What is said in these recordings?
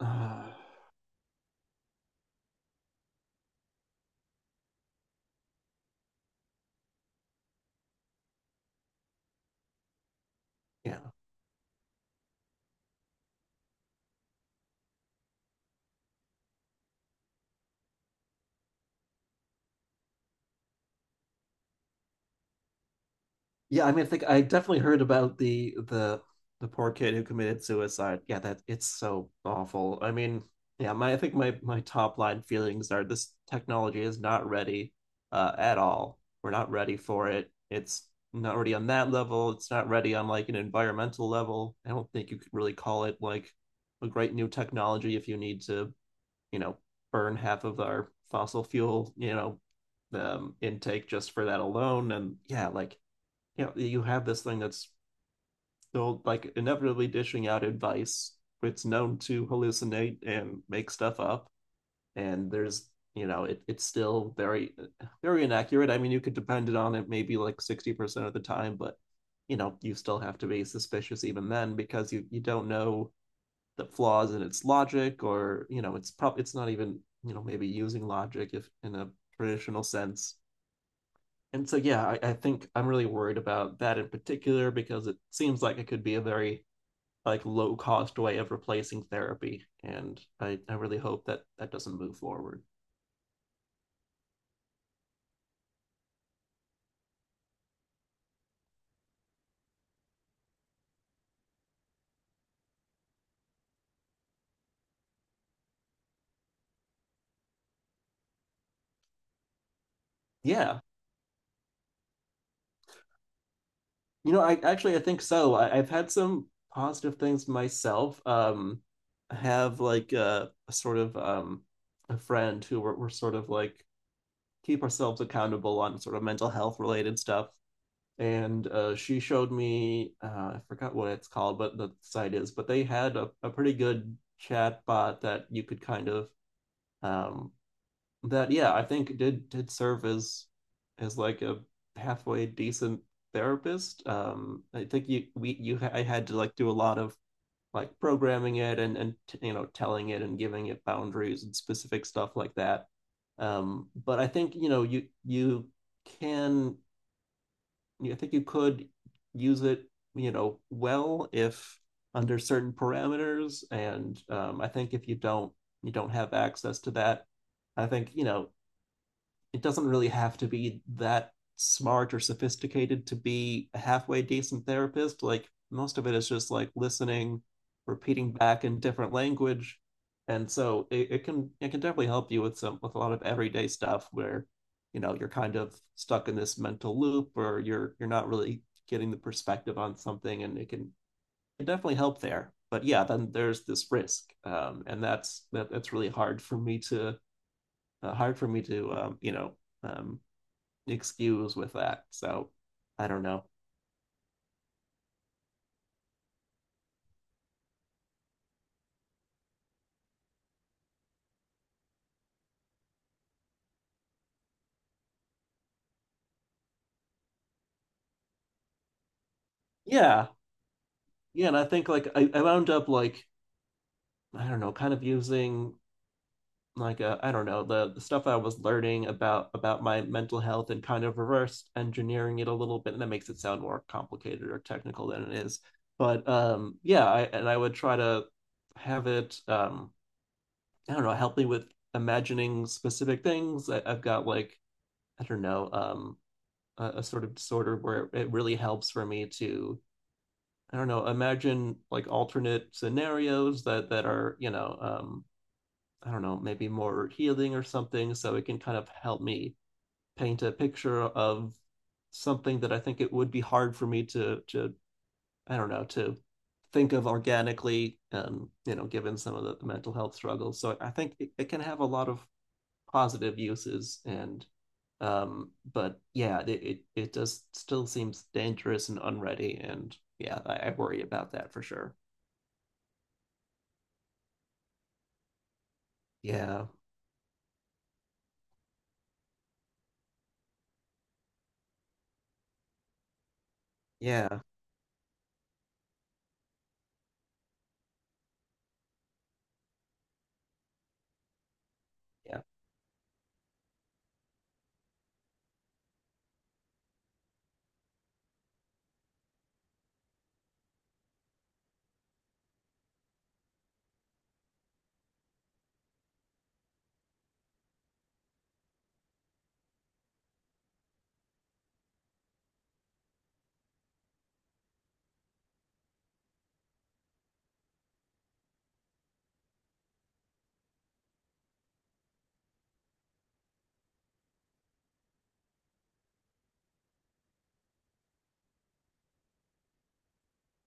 Uh, yeah, yeah. I mean, I think I definitely heard about the poor kid who committed suicide. Yeah, that it's so awful. I mean, yeah. My I think my my top line feelings are this technology is not ready at all. We're not ready for it. It's not ready on that level. It's not ready on like an environmental level. I don't think you could really call it like a great new technology if you need to you know burn half of our fossil fuel intake just for that alone. And yeah, like you have this thing that's still like inevitably dishing out advice, it's known to hallucinate and make stuff up, and there's, you know, it's still very very inaccurate. I mean, you could depend on it maybe like 60% of the time, but you know you still have to be suspicious even then because you don't know the flaws in its logic, or it's probably, it's not even, maybe using logic if in a traditional sense. And so yeah, I think I'm really worried about that in particular because it seems like it could be a very like low cost way of replacing therapy, and I really hope that that doesn't move forward. Yeah, you know, I actually I think so. I've had some positive things myself. I have like a sort of a friend who were sort of like keep ourselves accountable on sort of mental health related stuff. And she showed me, I forgot what it's called, but the site is, but they had a pretty good chat bot that you could kind of, um, that yeah, I think did serve as like a halfway decent therapist. I think you we you I had to like do a lot of like programming it and telling it and giving it boundaries and specific stuff like that. But I think you know you you can I think you could use it, well, if under certain parameters. And I think if you don't, you don't have access to that, I think it doesn't really have to be that smart or sophisticated to be a halfway decent therapist. Like most of it is just like listening, repeating back in different language. And so it can definitely help you with some, with a lot of everyday stuff where, you know, you're kind of stuck in this mental loop or you're not really getting the perspective on something, and it definitely help there. But yeah, then there's this risk. And that's really hard for me to hard for me to um, excuse with that. So I don't know. Yeah. Yeah. And I think like I wound up like, I don't know, kind of using like a, I don't know, the stuff I was learning about my mental health and kind of reverse engineering it a little bit. And that makes it sound more complicated or technical than it is. But yeah, I, and I would try to have it, I don't know, help me with imagining specific things. I've got like, I don't know, a sort of disorder where it really helps for me to, I don't know, imagine like alternate scenarios that are, you know, I don't know, maybe more healing or something, so it can kind of help me paint a picture of something that I think it would be hard for me to I don't know, to think of organically, you know, given some of the mental health struggles. So I think it can have a lot of positive uses and but yeah, it does still seems dangerous and unready, and yeah, I worry about that for sure. Yeah, yeah, yeah.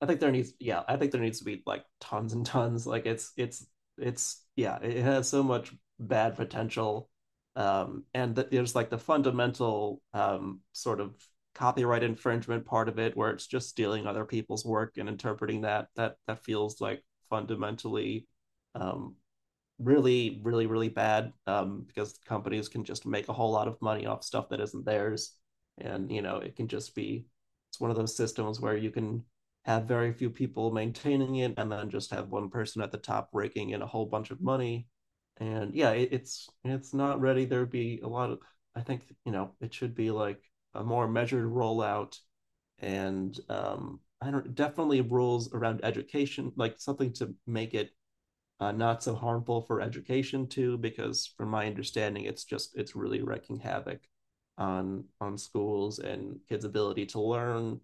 I think there needs, yeah, I think there needs to be like tons and tons. Like yeah, it has so much bad potential. And th there's like the fundamental sort of copyright infringement part of it, where it's just stealing other people's work and interpreting that. That feels like fundamentally um, really, really, really bad, because companies can just make a whole lot of money off stuff that isn't theirs. And, you know, it can just be, it's one of those systems where you can have very few people maintaining it and then just have one person at the top raking in a whole bunch of money. And yeah, it's not ready. There'd be a lot of, I think, you know, it should be like a more measured rollout. And I don't, definitely rules around education, like something to make it not so harmful for education too, because from my understanding, it's really wreaking havoc on schools and kids' ability to learn.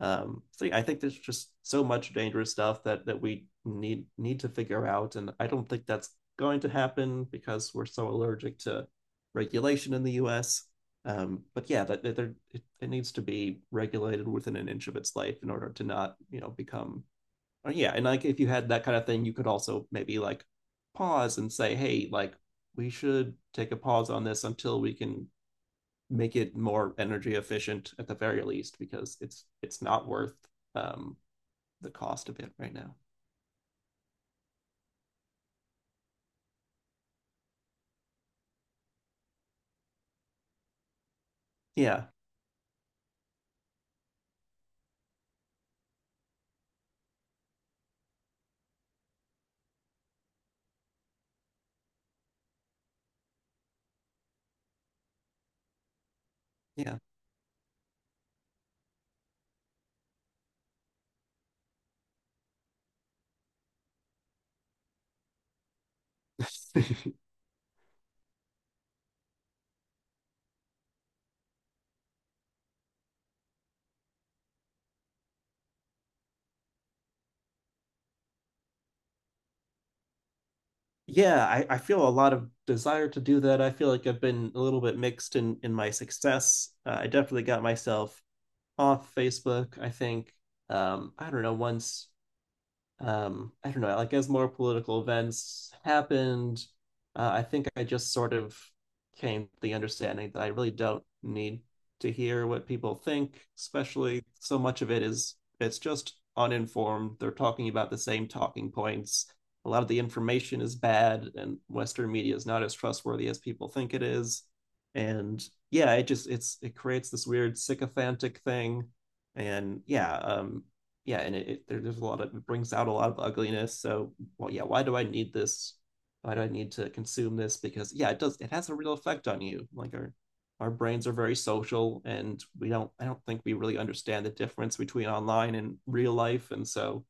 So yeah, I think there's just so much dangerous stuff that that we need need to figure out, and I don't think that's going to happen because we're so allergic to regulation in the U.S. But yeah, it needs to be regulated within an inch of its life in order to not, you know, become yeah. And like if you had that kind of thing, you could also maybe like pause and say, hey, like we should take a pause on this until we can make it more energy efficient at the very least, because it's not worth um the cost of it right now. Yeah. Yeah. Yeah, I feel a lot of desire to do that. I feel like I've been a little bit mixed in my success. I definitely got myself off Facebook, I think. I don't know, once I don't know, like as more political events happened, I think I just sort of came to the understanding that I really don't need to hear what people think, especially so much of it is it's just uninformed. They're talking about the same talking points. A lot of the information is bad, and Western media is not as trustworthy as people think it is. And yeah, it just it creates this weird sycophantic thing. And yeah, yeah, and there's a lot of, it brings out a lot of ugliness. So, well, yeah, why do I need this? Why do I need to consume this? Because yeah, it does. It has a real effect on you. Like our brains are very social, and we don't. I don't think we really understand the difference between online and real life. And so,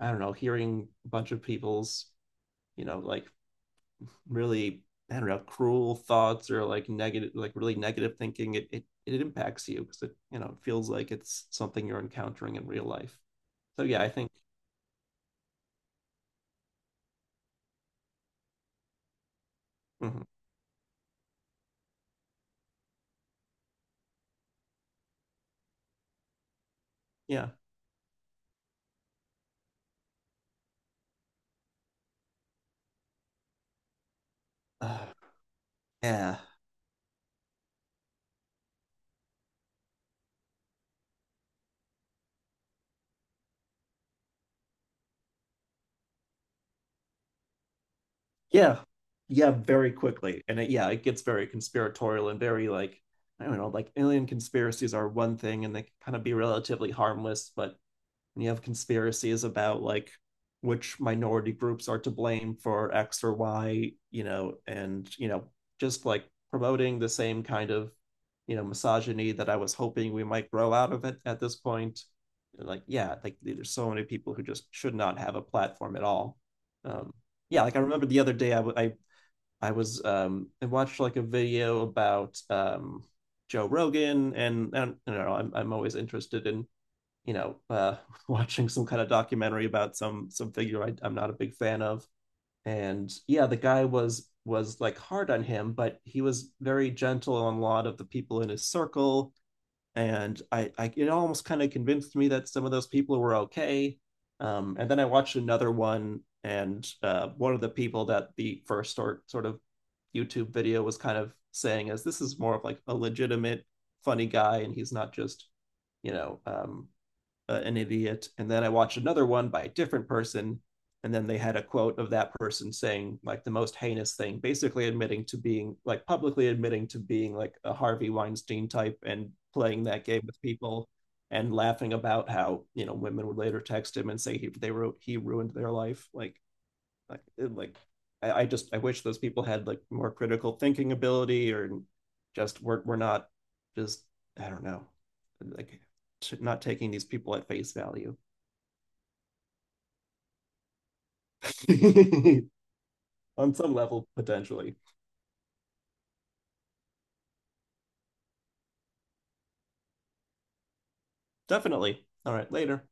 I don't know. Hearing a bunch of people's, you know, like really, I don't know, cruel thoughts or like negative, like really negative thinking, it impacts you because it you know it feels like it's something you're encountering in real life. So yeah, I think. Mhm. Yeah. Ah, yeah. Yeah. Yeah, very quickly. And yeah, it gets very conspiratorial and very like, I don't know, like alien conspiracies are one thing and they can kind of be relatively harmless, but, and you have conspiracies about like which minority groups are to blame for X or Y, you know, and you know, just like promoting the same kind of, you know, misogyny that I was hoping we might grow out of it at this point. Like, yeah, like there's so many people who just should not have a platform at all. Um, yeah, like I remember the other day I watched like a video about Joe Rogan. And I don't know, I'm always interested in, you know, watching some kind of documentary about some figure I'm not a big fan of. And yeah, the guy was like hard on him, but he was very gentle on a lot of the people in his circle. And I, it almost kind of convinced me that some of those people were okay. And then I watched another one, and one of the people that the first sort of YouTube video was kind of saying is this is more of like a legitimate funny guy, and he's not just, you know um, an idiot. And then I watched another one by a different person. And then they had a quote of that person saying like the most heinous thing, basically admitting to being like, publicly admitting to being like a Harvey Weinstein type and playing that game with people, and laughing about how, you know, women would later text him and say they wrote, he ruined their life. Like, like, like I just, I wish those people had like more critical thinking ability, or just we're not just, I don't know, like, not taking these people at face value. On some level, potentially. Definitely. All right, later.